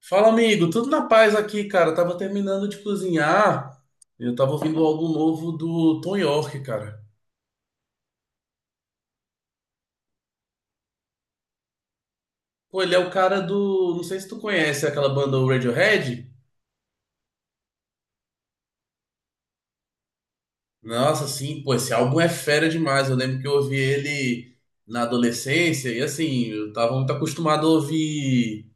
Fala, amigo, tudo na paz aqui, cara. Eu tava terminando de cozinhar. Eu tava ouvindo algo novo do Tom York, cara. Pô, ele é o cara do. Não sei se tu conhece aquela banda o Radiohead. Nossa, sim, pô, esse álbum é fera demais. Eu lembro que eu ouvi ele na adolescência e assim, eu tava muito acostumado a ouvir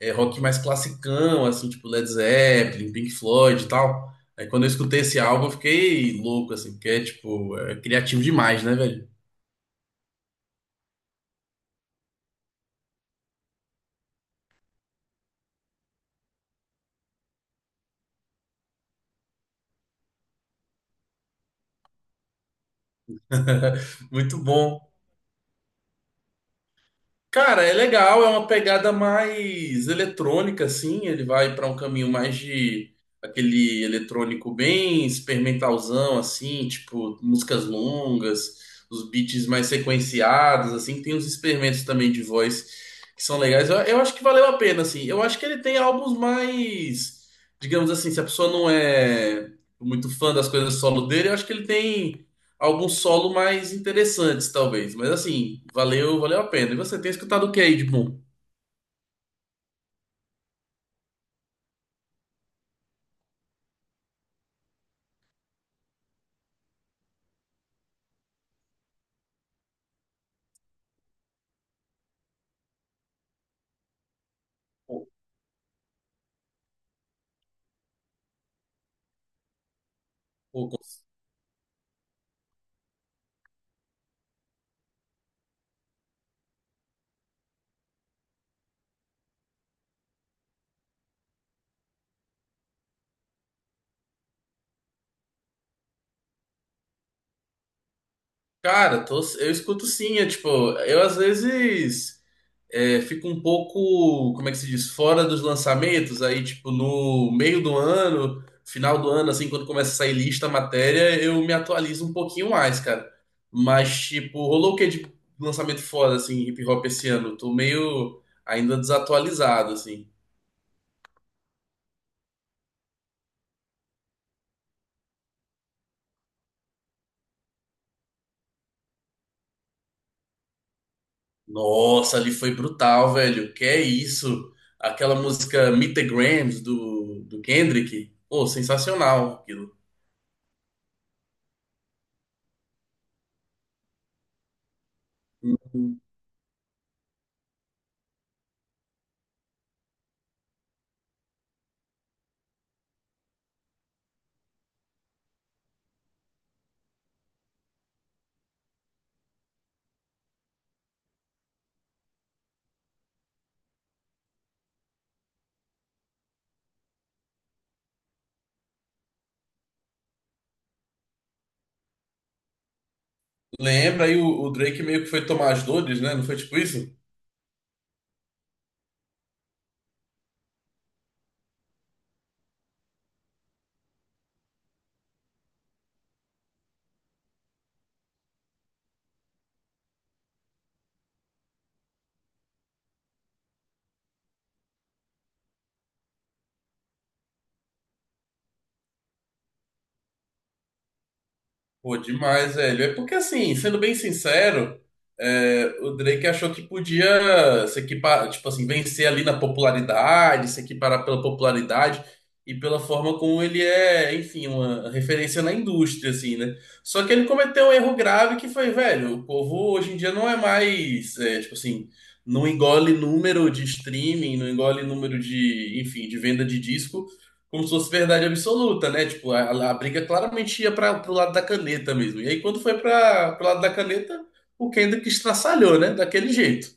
rock mais classicão, assim, tipo Led Zeppelin, Pink Floyd e tal. Aí quando eu escutei esse álbum, eu fiquei louco, assim, porque é tipo, é criativo demais, né, velho? Muito bom. Cara, é legal, é uma pegada mais eletrônica, assim. Ele vai para um caminho mais de aquele eletrônico bem experimentalzão, assim, tipo músicas longas, os beats mais sequenciados, assim. Tem uns experimentos também de voz que são legais. Eu acho que valeu a pena, assim. Eu acho que ele tem álbuns mais, digamos assim, se a pessoa não é muito fã das coisas solo dele, eu acho que ele tem alguns solo mais interessantes, talvez. Mas assim, valeu, valeu a pena. E você tem escutado o que aí de bom? O- o- Cara, eu escuto sim, é tipo, eu às vezes fico um pouco, como é que se diz, fora dos lançamentos, aí tipo, no meio do ano, final do ano, assim, quando começa a sair lista, matéria, eu me atualizo um pouquinho mais, cara. Mas, tipo, rolou o que de lançamento foda, assim, hip hop esse ano? Tô meio ainda desatualizado, assim. Nossa, ali foi brutal, velho. Que é isso? Aquela música Meet the Grams do Kendrick. Pô, sensacional aquilo. Lembra aí o Drake meio que foi tomar as dores, né? Não foi tipo isso? Pô, demais, velho. É porque, assim, sendo bem sincero, o Drake achou que podia se equipar, tipo assim, vencer ali na popularidade, se equiparar pela popularidade e pela forma como ele é, enfim, uma referência na indústria, assim, né? Só que ele cometeu um erro grave que foi, velho, o povo hoje em dia não é mais, é, tipo assim, não engole número de streaming, não engole número de, enfim, de venda de disco como se fosse verdade absoluta, né? Tipo, a briga claramente ia para pro lado da caneta mesmo. E aí, quando foi para pro lado da caneta, o Kendrick estraçalhou, né? Daquele jeito.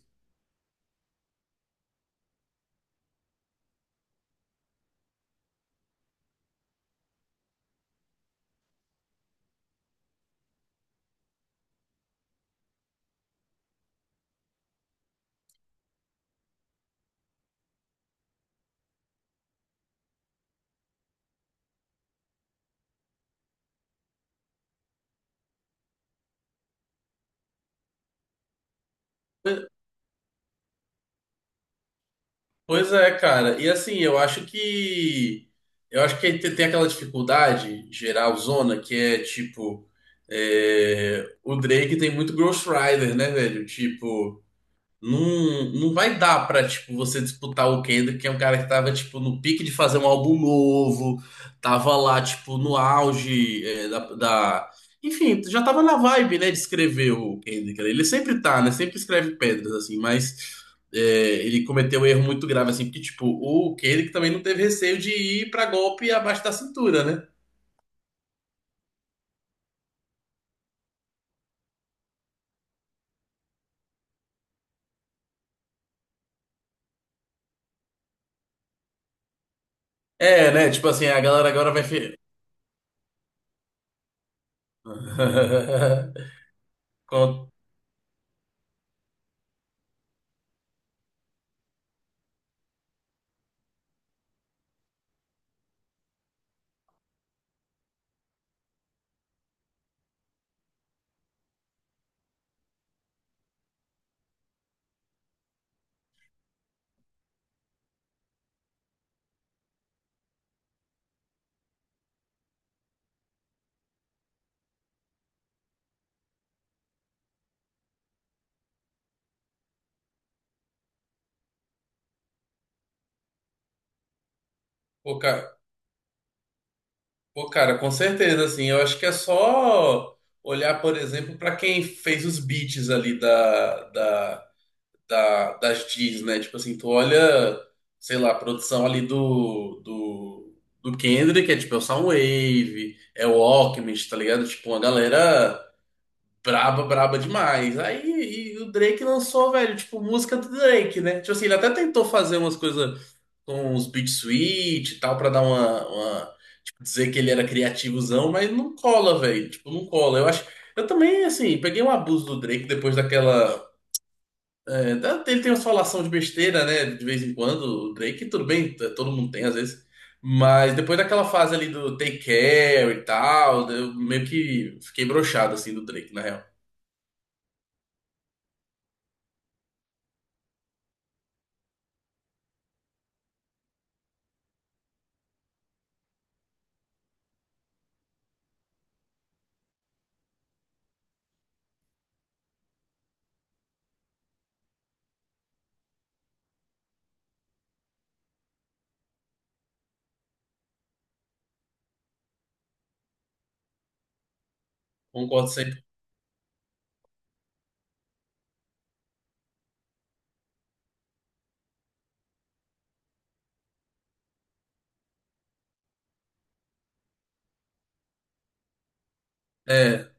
Pois é, cara. E assim, Eu acho que tem aquela dificuldade geral zona que é tipo. O Drake tem muito Ghost Rider, né, velho? Tipo. Não, vai dar pra, tipo, você disputar o Kendrick, que é um cara que tava, tipo, no pique de fazer um álbum novo, tava lá, tipo, no auge Enfim, já tava na vibe, né, de escrever o Kendrick. Ele sempre tá, né, sempre escreve pedras, assim, mas é, ele cometeu um erro muito grave, assim, porque, tipo, o Kendrick também não teve receio de ir pra golpe abaixo da cintura, né? É, né, tipo assim, a galera agora vai... Com pouca- Pô, cara, com certeza, assim, eu acho que é só olhar, por exemplo, para quem fez os beats ali das Gs, né? Tipo assim, tu olha, sei lá, a produção ali do Kendrick, é tipo, é o Soundwave, é o Alchemist, tá ligado? Tipo, uma galera braba, braba demais. Aí, e o Drake lançou, velho, tipo, música do Drake, né? Tipo assim, ele até tentou fazer umas coisas com os beat switch e tal, pra dar uma... dizer que ele era criativozão, mas não cola, velho. Tipo, não cola. Eu acho. Eu também, assim, peguei um abuso do Drake depois daquela. Ele tem umas falação de besteira, né? De vez em quando. O Drake, tudo bem, todo mundo tem às vezes. Mas depois daquela fase ali do Take Care e tal, eu meio que fiquei broxado, assim, do Drake, na real. Concordo sempre. É,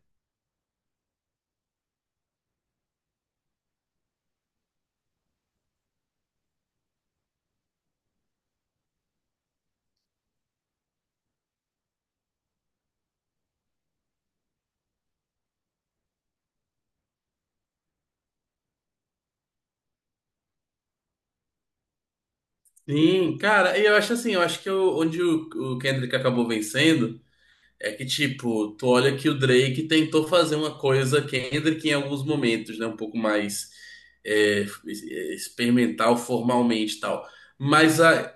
sim, cara, e eu acho assim, eu acho que o- onde o Kendrick acabou vencendo. É que, tipo, tu olha que o Drake tentou fazer uma coisa Kendrick em alguns momentos, né? Um pouco mais é, experimental, formalmente e tal. Mas a,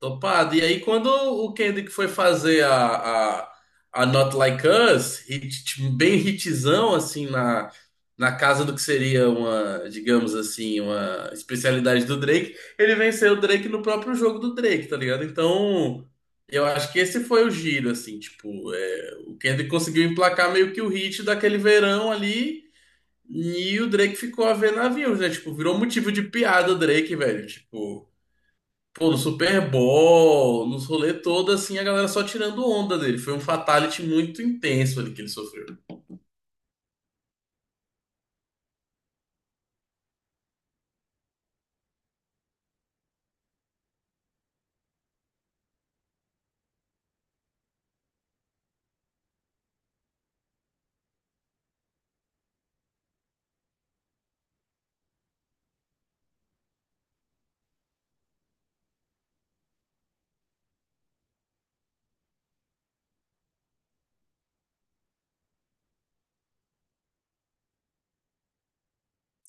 Topado. E aí, quando o Kendrick foi fazer a Not Like Us, bem hitzão, assim, na, na casa do que seria uma, digamos assim, uma especialidade do Drake, ele venceu o Drake no próprio jogo do Drake, tá ligado? Então, eu acho que esse foi o giro, assim, tipo, é, o Kendrick conseguiu emplacar meio que o hit daquele verão ali, e o Drake ficou a ver navios, né? Tipo, virou motivo de piada o Drake, velho, tipo... Pô, no Super Bowl, nos rolê todo, assim, a galera só tirando onda dele. Foi um fatality muito intenso ali que ele sofreu.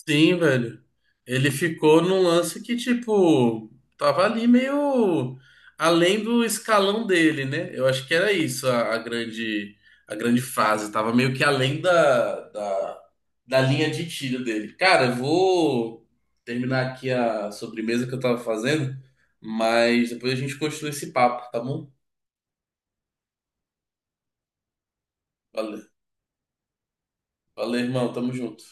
Sim, velho. Ele ficou num lance que, tipo, tava ali meio além do escalão dele, né? Eu acho que era isso a grande frase. Tava meio que além da linha de tiro dele. Cara, eu vou terminar aqui a sobremesa que eu tava fazendo, mas depois a gente continua esse papo, tá bom? Valeu. Valeu, irmão. Tamo junto.